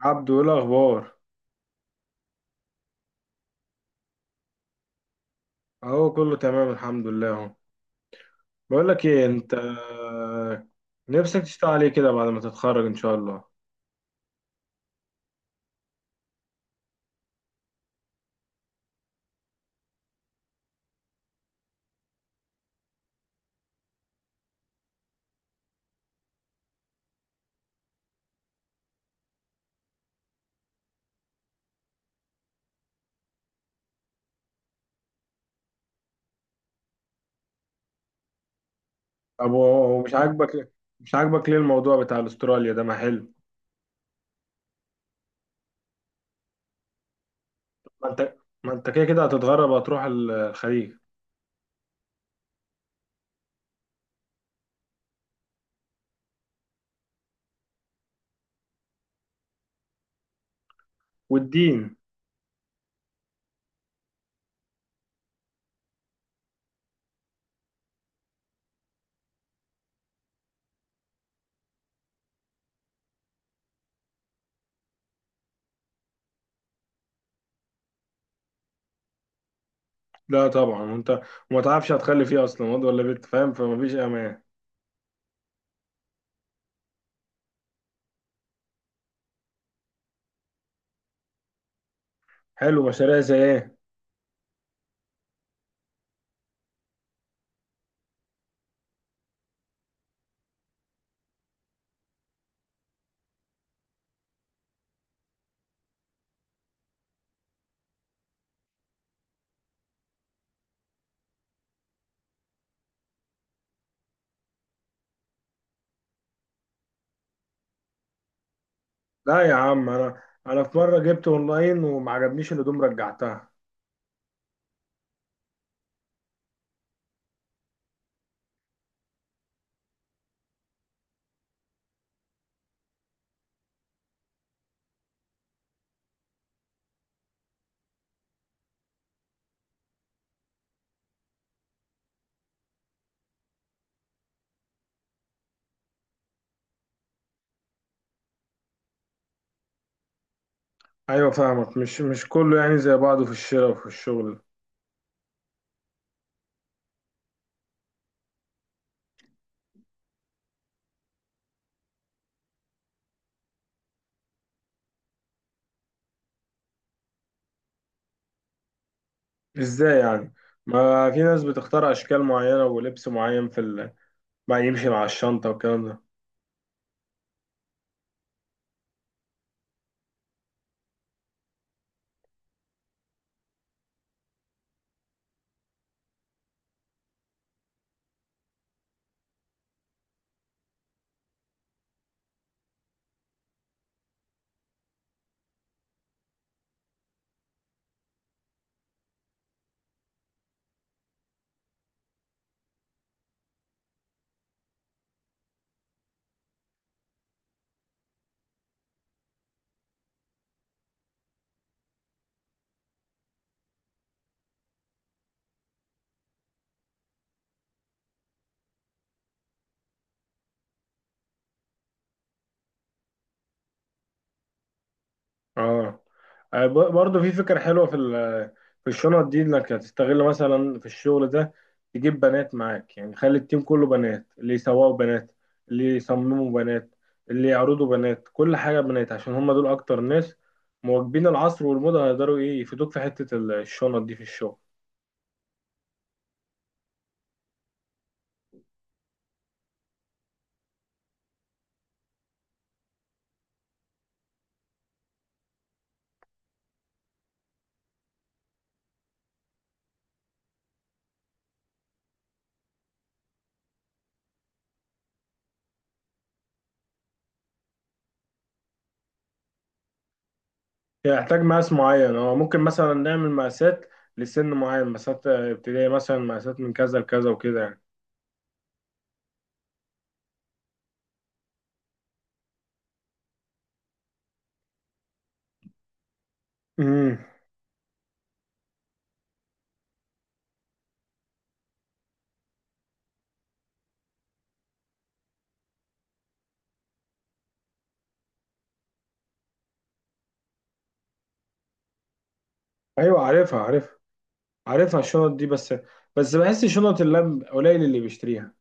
عبدو، ايه الاخبار؟ اهو كله تمام الحمد لله اهو. بقول لك ايه، انت نفسك تشتغل عليه كده بعد ما تتخرج ان شاء الله؟ طب ومش عاجبك. مش عاجبك ليه الموضوع بتاع استراليا ده؟ ما حلو. ما انت ما انت كده كده هتتغرب، هتروح الخليج. والدين. لا طبعا. وانت وما تعرفش هتخلي فيه اصلا واد ولا بنت، فاهم؟ فما فيش امان. حلو، مشاريع زي ايه؟ لا يا عم، انا في مره جبت اونلاين وما عجبنيش الهدوم رجعتها. ايوه فاهمك. مش كله يعني زي بعضه في الشراء وفي الشغل. ازاي يعني؟ ما في ناس بتختار اشكال معينه ولبس معين ما يمشي مع الشنطه والكلام ده. اه. برضه في فكره حلوه في الشنط دي، انك هتستغل مثلا في الشغل ده، تجيب بنات معاك. يعني خلي التيم كله بنات، اللي يسوقوا بنات، اللي يصمموا بنات، اللي يعرضوا بنات، كل حاجه بنات، عشان هم دول اكتر ناس مواكبين العصر والموضه، هيقدروا ايه يفيدوك في حته الشنط دي في الشغل. يحتاج مقاس معين، هو ممكن مثلا نعمل مقاسات لسن معين، مقاسات ابتدائي مثلا، مقاسات من كذا لكذا وكده يعني. امم. ايوه عارفها عارفها. عارفها الشنط دي. بس بحس شنط اللاب قليل اللي بيشتريها.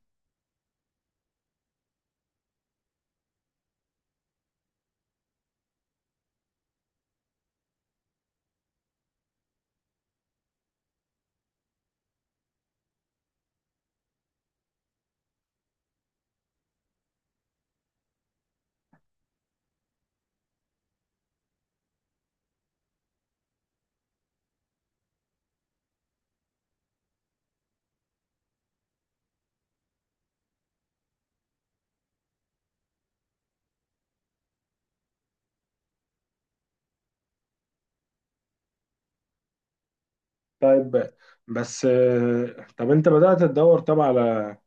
طيب. بس طب انت بدأت تدور طبعا على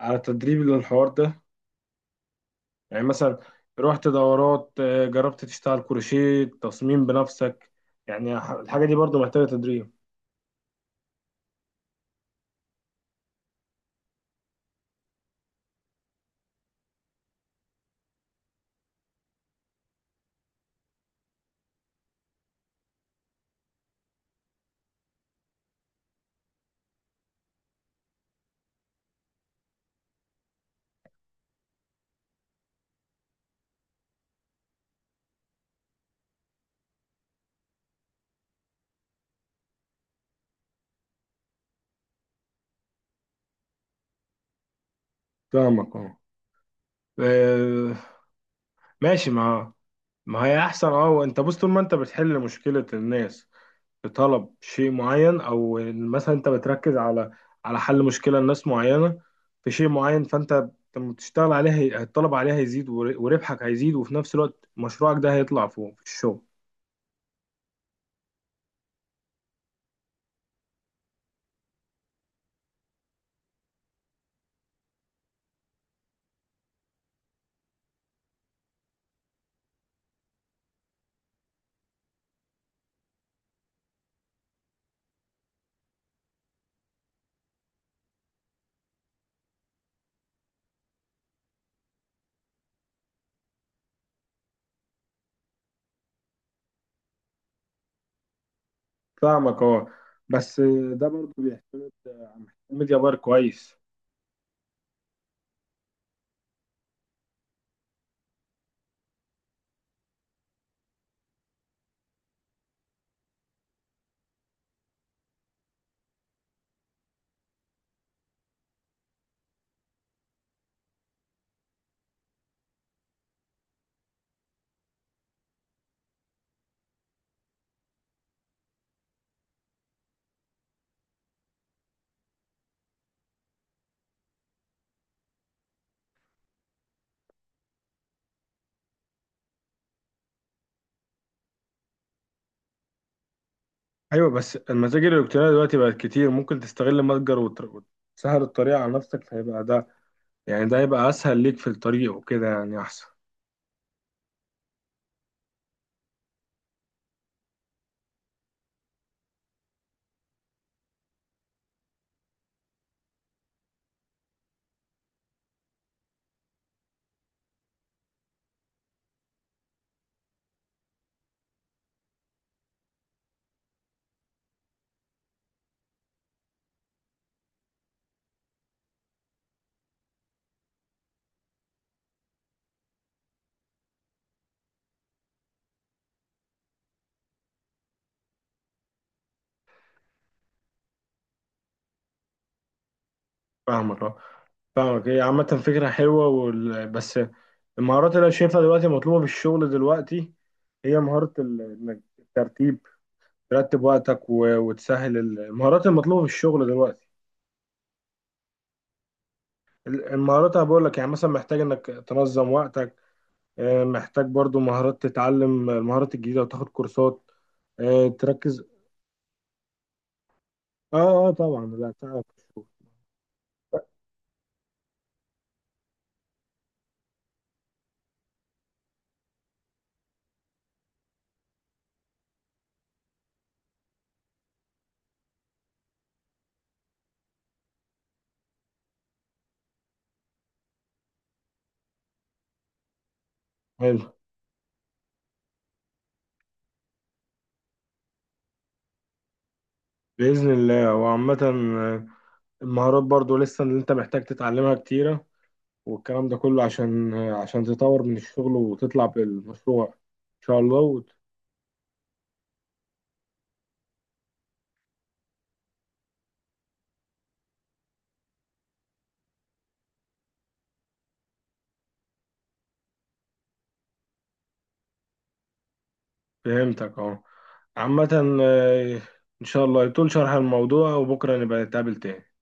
على تدريب للحوار ده؟ يعني مثلا رحت دورات، جربت تشتغل كروشيه، تصميم بنفسك؟ يعني الحاجة دي برضو محتاجة تدريب. فاهمك اه. آه، ماشي. ما هي احسن. اه. وانت بص، طول ما انت بتحل مشكلة الناس بطلب شيء معين، او إن مثلا انت بتركز على حل مشكلة لناس معينة في شيء معين، فانت لما بتشتغل عليها الطلب عليها هيزيد وربحك هيزيد، وفي نفس الوقت مشروعك ده هيطلع فوق في الشغل. فاهمك اه. بس ده برضه بيحتاج ميديا بار كويس. ايوه بس المتاجر الالكترونية دلوقتي بقت كتير، ممكن تستغل متجر وتسهل الطريق على نفسك، فهيبقى ده، يعني ده هيبقى اسهل ليك في الطريق وكده يعني احسن. فاهمك اه. فاهمك، هي عامة فكرة حلوة بس المهارات اللي أنا شايفها دلوقتي مطلوبة في الشغل دلوقتي هي مهارة إنك الترتيب ترتب وقتك وتسهل المهارات المطلوبة في الشغل دلوقتي. المهارات، أنا بقول لك يعني مثلا محتاج إنك تنظم وقتك، محتاج برضو مهارات، تتعلم المهارات الجديدة وتاخد كورسات، تركز. اه. اه طبعا، لا تعرف. حلو. بإذن الله. وعامة المهارات برضو لسه اللي انت محتاج تتعلمها كتيرة، والكلام ده كله عشان تطور من الشغل وتطلع بالمشروع ان شاء الله فهمتك اه. عامة ان شاء الله يطول شرح الموضوع وبكرة نبقى نتقابل تاني.